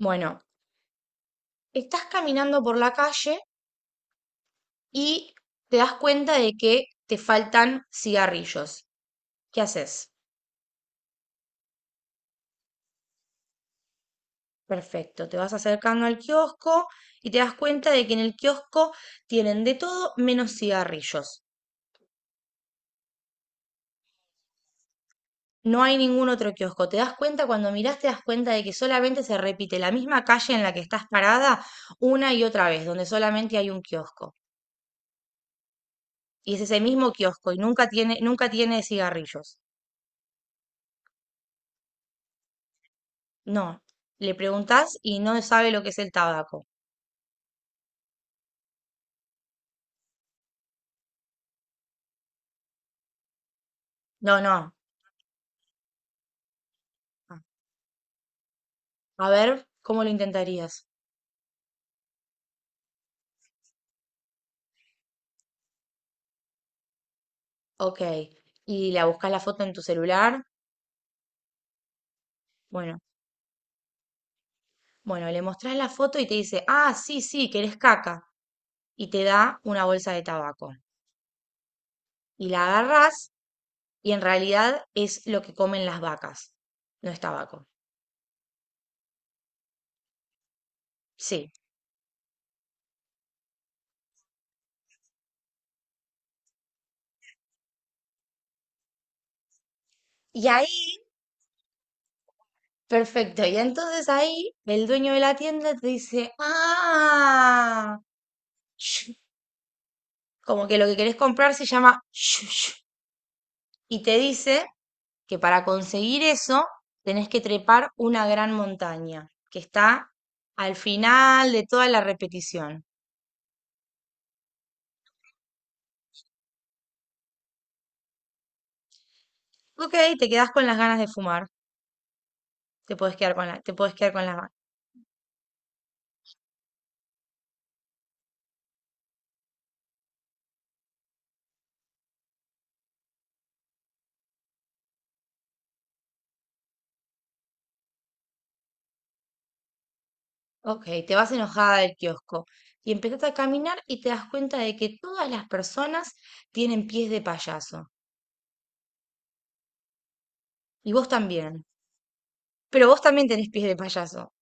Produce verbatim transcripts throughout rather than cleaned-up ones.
Bueno, estás caminando por la calle y te das cuenta de que te faltan cigarrillos. ¿Qué haces? Perfecto, te vas acercando al kiosco y te das cuenta de que en el kiosco tienen de todo menos cigarrillos. No hay ningún otro kiosco. Te das cuenta, cuando mirás, te das cuenta de que solamente se repite la misma calle en la que estás parada una y otra vez, donde solamente hay un kiosco. Y es ese mismo kiosco y nunca tiene, nunca tiene cigarrillos. No, le preguntás y no sabe lo que es el tabaco. No, no. Ah, a ver, ¿cómo lo intentarías? Ok. Y la buscas la foto en tu celular. Bueno, bueno, le mostrás la foto y te dice, ah, sí, sí, querés caca. Y te da una bolsa de tabaco. Y la agarrás y en realidad es lo que comen las vacas. No es tabaco. Sí. Y ahí, perfecto. Y entonces ahí el dueño de la tienda te dice, ah. Como que lo que querés comprar se llama shushu, y te dice que para conseguir eso tenés que trepar una gran montaña que está al final de toda la repetición. Ok, te quedás con las ganas de fumar, te podés quedar con la, te podés quedar con las ganas. Ok, te vas enojada del kiosco y empezás a caminar y te das cuenta de que todas las personas tienen pies de payaso y vos también, pero vos también tenés pies de payaso.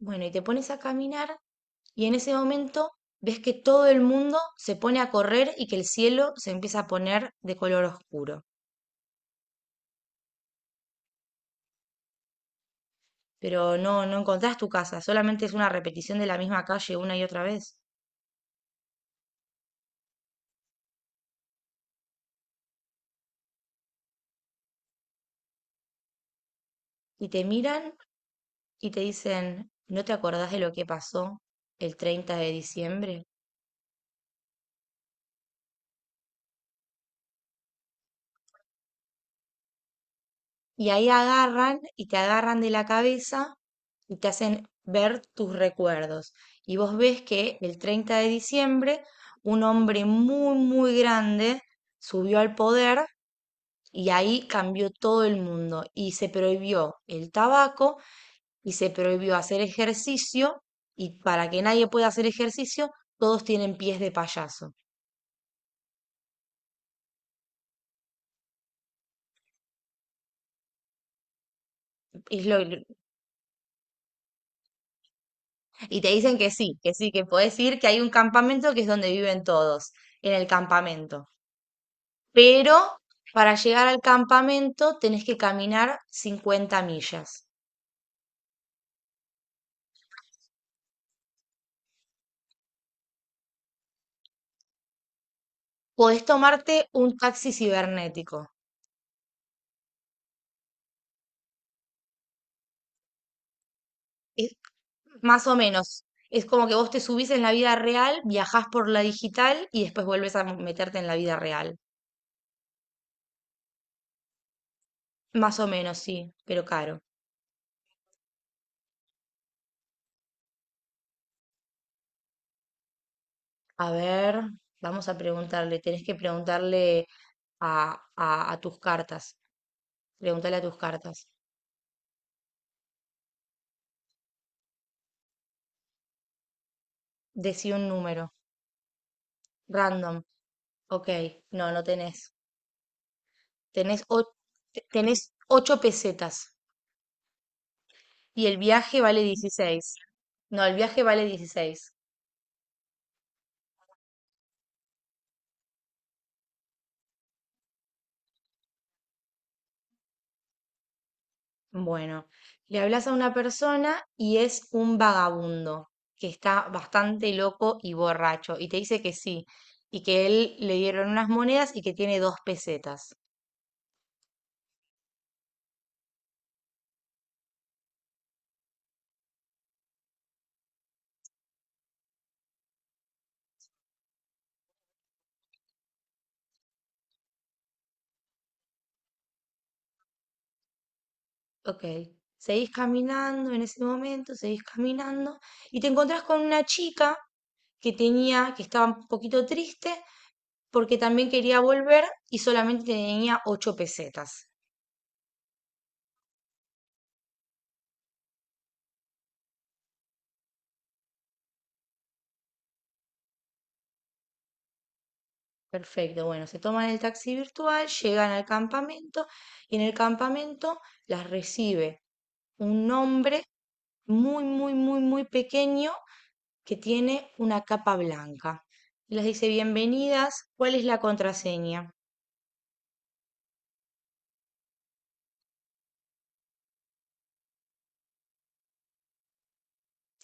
Bueno, y te pones a caminar. Y en ese momento ves que todo el mundo se pone a correr y que el cielo se empieza a poner de color oscuro. Pero no, no encontrás tu casa, solamente es una repetición de la misma calle una y otra vez. Y te miran y te dicen, ¿no te acordás de lo que pasó el treinta de diciembre? Y ahí agarran y te agarran de la cabeza y te hacen ver tus recuerdos. Y vos ves que el treinta de diciembre un hombre muy, muy grande subió al poder. Y ahí cambió todo el mundo y se prohibió el tabaco y se prohibió hacer ejercicio y para que nadie pueda hacer ejercicio, todos tienen pies de payaso. Y, es lo- lo- y te dicen que sí, que sí, que podés ir, que hay un campamento que es donde viven todos, en el campamento. Pero para llegar al campamento tenés que caminar cincuenta millas. Podés tomarte un taxi cibernético. Más o menos. Es como que vos te subís en la vida real, viajás por la digital y después vuelves a meterte en la vida real. Más o menos, sí, pero caro. A ver, vamos a preguntarle. Tenés que preguntarle a, a, a tus cartas. Pregúntale a tus cartas. Decí un número. Random. Ok. No, no tenés. Tenés, o- te- Tenés ocho pesetas. Y el viaje vale dieciséis. No, el viaje vale dieciséis. Bueno, le hablas a una persona y es un vagabundo que está bastante loco y borracho y te dice que sí y que él le dieron unas monedas y que tiene dos pesetas. Ok, seguís caminando en ese momento, seguís caminando y te encontrás con una chica que tenía, que estaba un poquito triste porque también quería volver y solamente tenía ocho pesetas. Perfecto, bueno, se toman el taxi virtual, llegan al campamento y en el campamento las recibe un hombre muy, muy, muy, muy pequeño que tiene una capa blanca. Y les dice, bienvenidas, ¿cuál es la contraseña?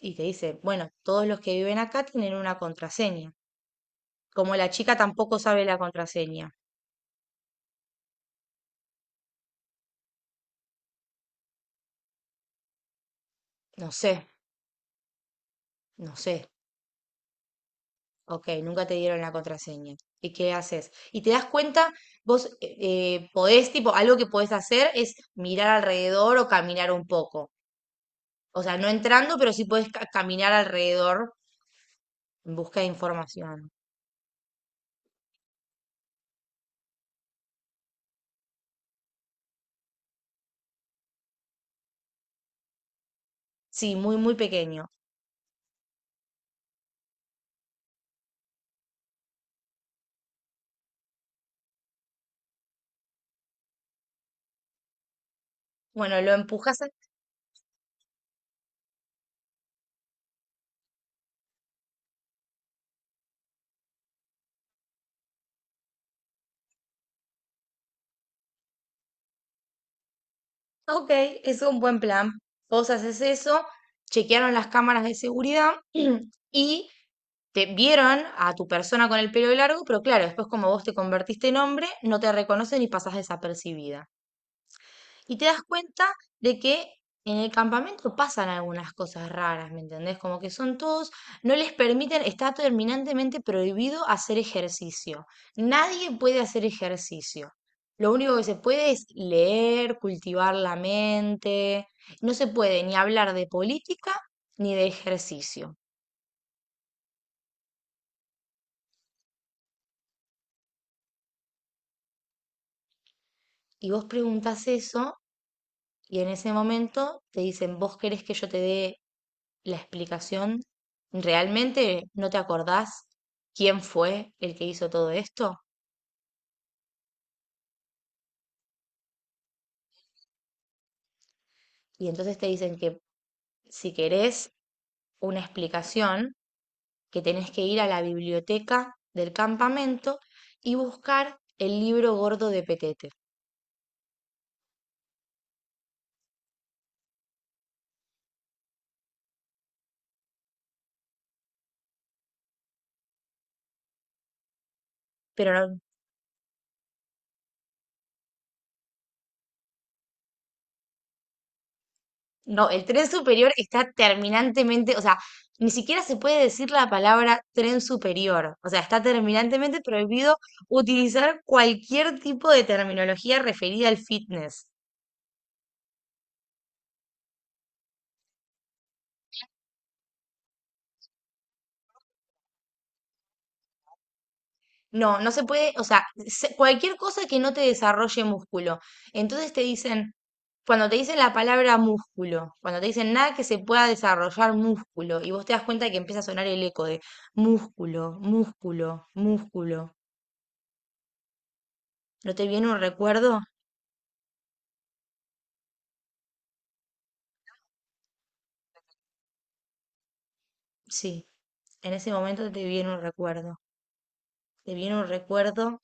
Y te dice, bueno, todos los que viven acá tienen una contraseña. Como la chica tampoco sabe la contraseña. No sé, no sé. Ok, nunca te dieron la contraseña. ¿Y qué haces? Y te das cuenta, vos eh, eh, podés, tipo, algo que podés hacer es mirar alrededor o caminar un poco. O sea, no entrando, pero sí podés ca- caminar alrededor en busca de información. Sí, muy, muy pequeño. Bueno, lo empujas. a- Ok, es un buen plan. Vos haces eso, chequearon las cámaras de seguridad y te vieron a tu persona con el pelo largo, pero claro, después como vos te convertiste en hombre, no te reconocen y pasas desapercibida. Y te das cuenta de que en el campamento pasan algunas cosas raras, ¿me entendés? Como que son todos, no les permiten, está terminantemente prohibido hacer ejercicio. Nadie puede hacer ejercicio. Lo único que se puede es leer, cultivar la mente. No se puede ni hablar de política ni de ejercicio. Y vos preguntás eso y en ese momento te dicen, ¿vos querés que yo te dé la explicación? ¿Realmente no te acordás quién fue el que hizo todo esto? Y entonces te dicen que si querés una explicación, que tenés que ir a la biblioteca del campamento y buscar el libro gordo de Petete. Pero no, no, el tren superior está terminantemente, o sea, ni siquiera se puede decir la palabra tren superior. O sea, está terminantemente prohibido utilizar cualquier tipo de terminología referida al fitness. No, no se puede, o sea, se- cualquier cosa que no te desarrolle músculo. Entonces te dicen, cuando te dicen la palabra músculo, cuando te dicen nada que se pueda desarrollar músculo, y vos te das cuenta que empieza a sonar el eco de músculo, músculo, músculo. ¿No te viene un recuerdo? Sí, en ese momento te viene un recuerdo. Te viene un recuerdo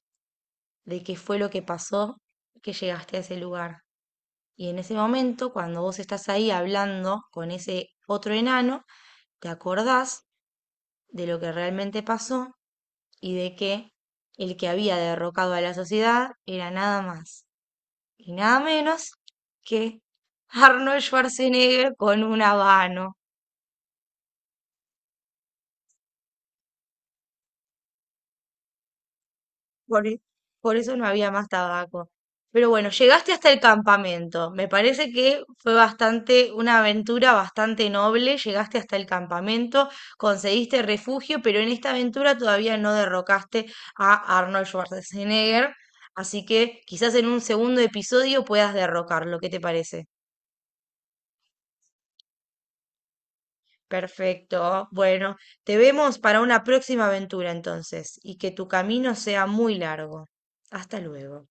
de qué fue lo que pasó que llegaste a ese lugar. Y en ese momento, cuando vos estás ahí hablando con ese otro enano, te acordás de lo que realmente pasó y de que el que había derrocado a la sociedad era nada más y nada menos que Arnold Schwarzenegger con un habano. Por, e- por eso no había más tabaco. Pero bueno, llegaste hasta el campamento. Me parece que fue bastante, una aventura bastante noble. Llegaste hasta el campamento, conseguiste refugio, pero en esta aventura todavía no derrocaste a Arnold Schwarzenegger. Así que quizás en un segundo episodio puedas derrocarlo. ¿Qué te parece? Perfecto. Bueno, te vemos para una próxima aventura entonces, y que tu camino sea muy largo. Hasta luego.